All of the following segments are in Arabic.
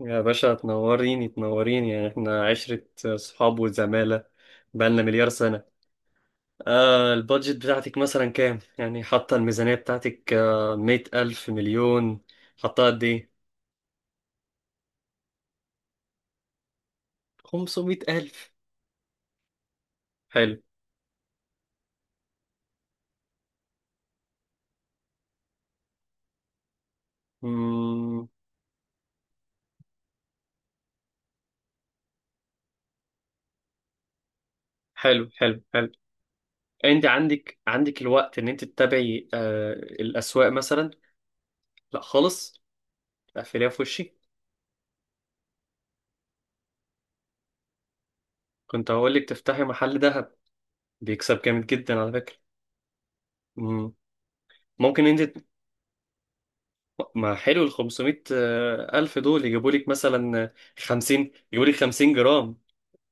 يا باشا، تنوريني يعني احنا عشرة صحاب وزمالة. بقالنا مليار سنة. البادجت بتاعتك مثلا كام؟ يعني حاطة الميزانية بتاعتك، مية ألف مليون؟ حاطة قد ايه؟ خمسمية ألف. حلو. مم. حلو حلو حلو. انت عندك الوقت ان انت تتابعي الأسواق مثلا؟ لا خالص. اقفليها في وشي. كنت هقولك تفتحي محل ذهب، بيكسب جامد جدا على فكرة. مم. ممكن انت، ما حلو ال 500 ألف دول يجيبوا لك مثلا 50؟ يجيبوا لك 50 جرام،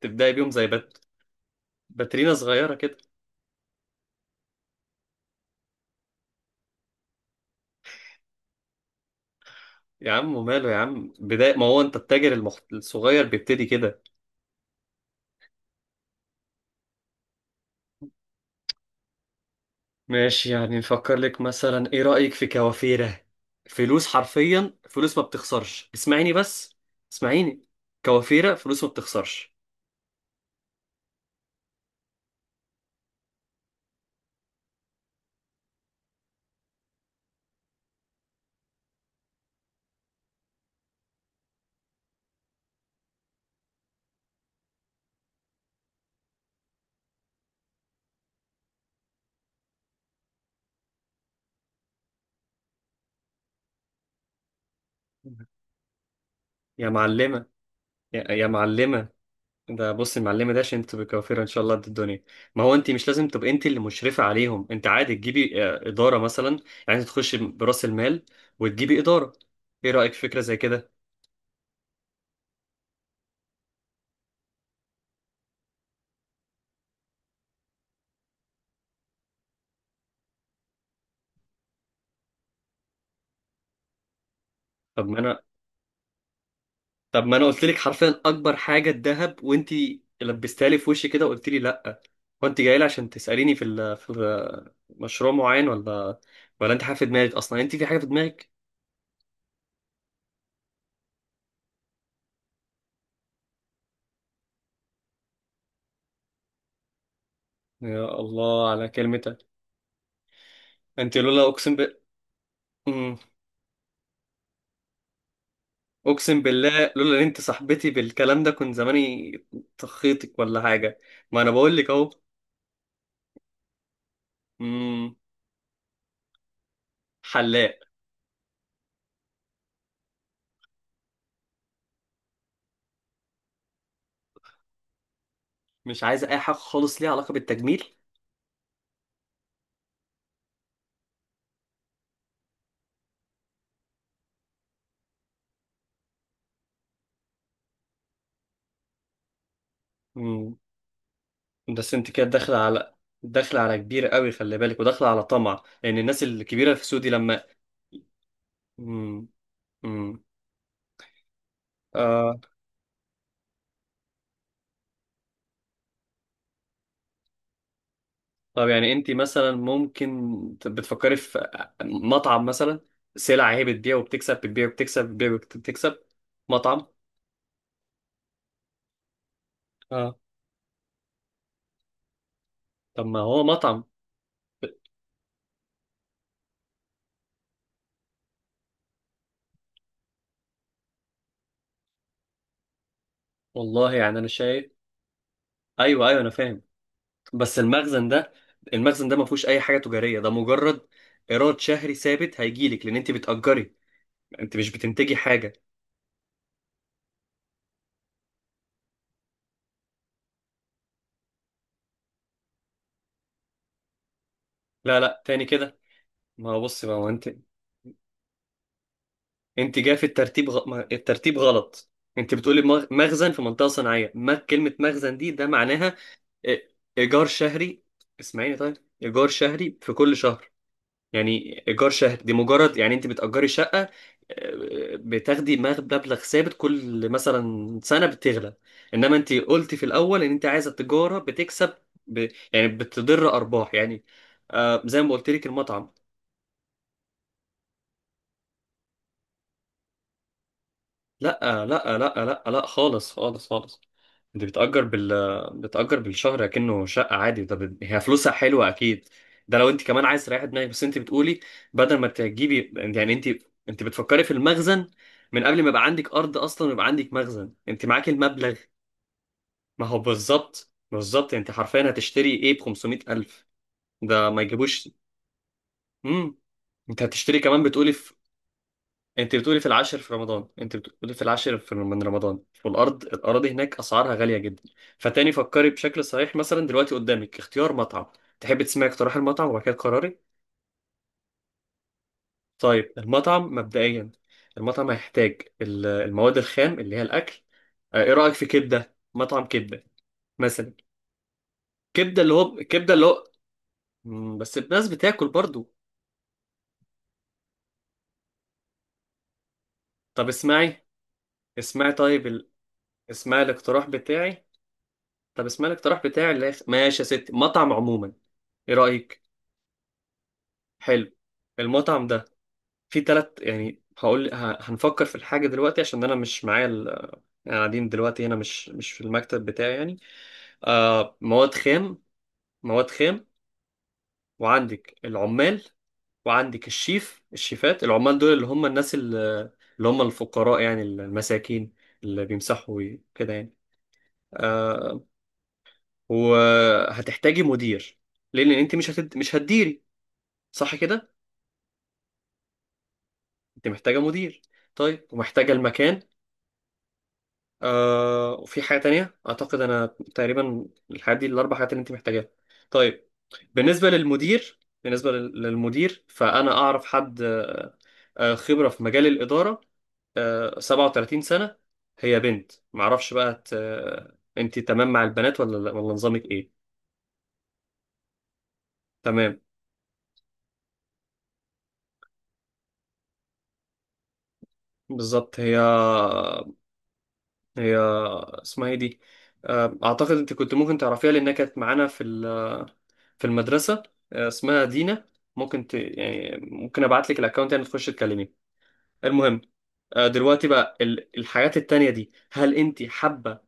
تبدأي بيهم زي باترينا صغيرة كده. يا عم وماله يا عم، بداية ما هو أنت التاجر الصغير بيبتدي كده. ماشي، يعني نفكر لك مثلا، إيه رأيك في كوافيرة؟ فلوس، حرفيا فلوس ما بتخسرش. اسمعيني بس، اسمعيني. كوافيرة فلوس ما بتخسرش. يا معلمة، يا معلمة. ده بص، المعلمة ده عشان تبقى كوافيرة ان شاء الله قد الدنيا. ما هو انت مش لازم تبقى انت اللي مشرفة عليهم، انت عادي تجيبي ادارة مثلا. يعني انت تخش برأس المال وتجيبي ادارة. ايه رأيك في فكرة زي كده؟ طب ما انا طب ما انا قلت لك حرفيا اكبر حاجة الذهب، وانت لبستها لي في وشي كده وقلت لي لا. هو انت جاي لي عشان تسأليني في مشروع معين، ولا ولا انت حاجة في دماغك اصلا؟ انت في حاجة في دماغك. يا الله على كلمتك. انت لولا، ب... اقسم بالله لولا ان انت صاحبتي بالكلام ده، كنت زماني طخيتك ولا حاجه. ما انا بقول لك اهو. مم، حلاق. مش عايزه اي حاجه خالص ليها علاقه بالتجميل. مم، بس انت كده داخله على كبير قوي، خلي بالك، وداخله على طمع، لان الناس الكبيره في سودي لما... مم، مم. آه. طب يعني انت مثلا ممكن بتفكري في مطعم مثلا؟ سلع هي بتبيع وبتكسب، بتبيع وبتكسب، بتبيع وبتكسب. مطعم. اه، طب ما هو مطعم. والله يعني انا شايف. ايوه ايوه، انا فاهم. بس المخزن ده، المخزن ده ما فيهوش اي حاجه تجاريه، ده مجرد ايراد شهري ثابت هيجيلك، لان انت بتأجري. انت مش بتنتجي حاجه. لا لا، تاني كده. ما هو بص بقى، ما هو انت، انت جاي في الترتيب غ... ما- الترتيب غلط. انت بتقولي مخزن في منطقه صناعيه. ما كلمه مخزن دي ده معناها إ- ايجار شهري. اسمعيني طيب، ايجار شهري في كل شهر. يعني ايجار شهري دي مجرد، يعني انت بتأجري شقة، بتاخدي مبلغ ثابت كل مثلا سنة بتغلى. انما انت قلتي في الاول ان انت عايزة التجارة بتكسب، يعني بتضر ارباح يعني، زي ما قلت لك المطعم. لا لا، لا لا، لا خالص خالص خالص. انت بتأجر بتأجر بالشهر كأنه شقة عادي. ده هي فلوسها حلوة أكيد. ده لو انت كمان عايز تريحي دماغك. بس انت بتقولي، بدل ما تجيبي، يعني انت، انت بتفكري في المخزن من قبل ما يبقى عندك أرض أصلا ويبقى عندك مخزن. انت معاكي المبلغ. ما هو بالظبط، انت حرفيا هتشتري ايه ب 500 ألف؟ ده ما يجيبوش. امم انت هتشتري كمان بتقولي. انت بتقولي في العاشر في رمضان، انت بتقولي في العاشر في من رمضان، والارض، الاراضي هناك اسعارها غاليه جدا. فتاني فكري بشكل صحيح. مثلا دلوقتي قدامك اختيار مطعم. تحبي تسمعي اقتراح المطعم وبعد كده قراري؟ طيب المطعم مبدئيا. المطعم هيحتاج المواد الخام اللي هي الاكل. اه، ايه رايك في كبده؟ مطعم كبده مثلا. كبده اللي هو، كبده اللي هو، بس الناس بتاكل برضو. طب اسمعي، اسمعي طيب اسمعي الاقتراح بتاعي. طب اسمع الاقتراح بتاعي اللي ماشي يا ستي، مطعم عموما. ايه رأيك؟ حلو. المطعم ده فيه تلات، يعني هنفكر في الحاجة دلوقتي، عشان انا مش معايا يعني قاعدين دلوقتي هنا، مش في المكتب بتاعي يعني. مواد خام، مواد خام، وعندك العمال، وعندك الشيف، الشيفات. العمال دول اللي هم الناس اللي هم الفقراء، يعني المساكين، اللي بيمسحوا كده يعني. آه وهتحتاجي مدير، لان انت مش هتديري، صح كده؟ انت محتاجه مدير، طيب ومحتاجه المكان، وفي حاجه تانية اعتقد انا. تقريبا الحاجات دي الاربع حاجات اللي انت محتاجاها. طيب، بالنسبه للمدير، للمدير، فانا اعرف حد، خبره في مجال الاداره، 37 سنه. هي بنت، معرفش بقى، انت تمام مع البنات ولا لا، ولا نظامك ايه؟ تمام. بالظبط. هي اسمها ايه دي؟ اعتقد انت كنت ممكن تعرفيها لانها كانت معانا في في المدرسة. اسمها دينا. ممكن يعني ممكن ابعت لك الاكونت، يعني تخش تكلمي المهم. دلوقتي بقى الحاجات التانية دي، هل انت حابة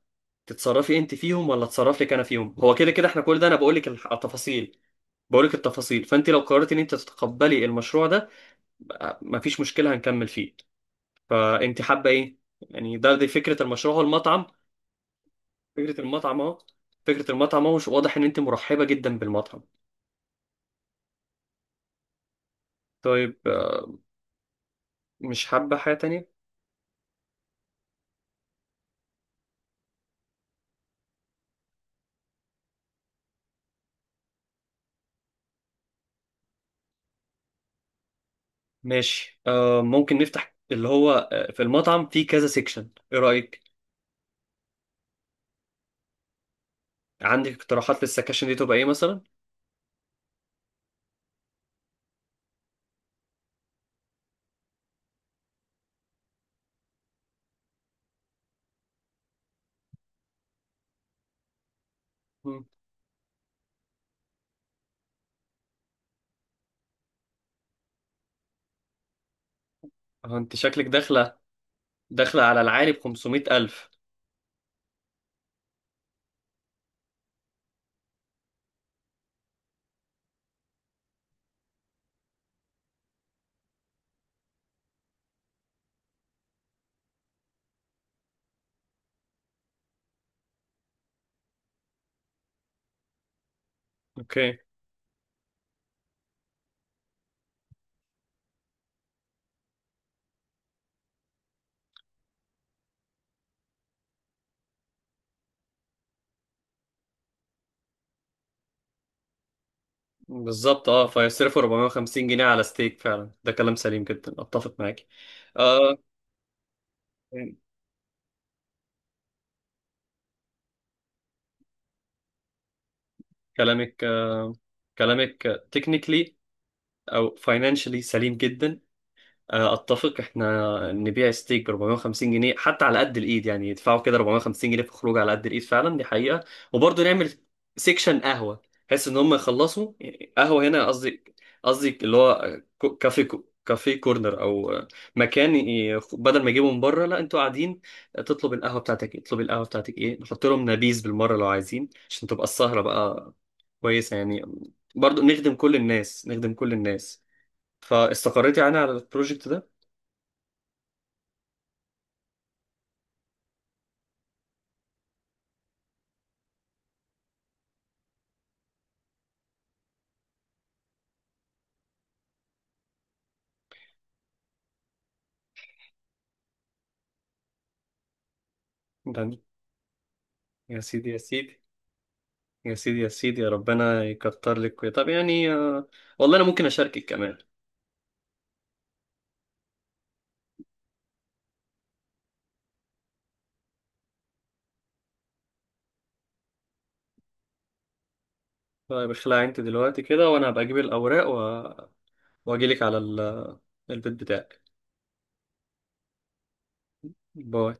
تتصرفي انت فيهم ولا اتصرف لك انا فيهم؟ هو كده كده احنا، كل ده انا بقول لك التفاصيل، بقول لك التفاصيل. فانت لو قررتي ان انت تتقبلي المشروع ده، بقى مفيش مشكلة هنكمل فيه. فانت حابة ايه يعني؟ ده، دي فكرة المشروع، هو المطعم. فكرة المطعم اهو، فكرة المطعم اهو. واضح ان انت مرحبة جدا بالمطعم. طيب، مش حابة حاجة تانية؟ ماشي، ممكن نفتح اللي هو، في المطعم في كذا سيكشن، ايه رأيك؟ عندك اقتراحات للسكاشن دي تبقى ايه مثلا؟ مم. اه انت شكلك داخلة على العالي ب 500 ألف. اوكي. بالظبط، اه، فيصرفوا 450 جنيه على ستيك؟ فعلا ده كلام سليم جدا، اتفق معاك. آه كلامك آه كلامك تكنيكلي او فاينانشلي سليم جدا. اتفق احنا نبيع ستيك ب 450 جنيه حتى على قد الايد، يعني يدفعوا كده 450 جنيه في خروج على قد الايد، فعلا دي حقيقة. وبرضه نعمل سيكشن قهوة، بحيث ان هم يخلصوا قهوة. هنا قصدي، قصدي اللي هو كافي كورنر، او مكان بدل ما يجيبوا من بره، لا، انتوا قاعدين تطلب القهوة بتاعتك ايه، تطلب القهوة بتاعتك ايه، نحط لهم نبيذ بالمرة لو عايزين، عشان تبقى السهرة بقى كويسة يعني. برضه نخدم كل الناس، نخدم كل الناس. فاستقريتي يعني على البروجكت ده؟ ده يا سيدي يا سيدي، يا سيدي يا سيدي، يا ربنا يكتر لك. طب يعني، والله انا ممكن اشاركك كمان. طيب اخلعي انت دلوقتي كده، وانا هبقى اجيب الاوراق واجي لك على البيت بتاعك. باي.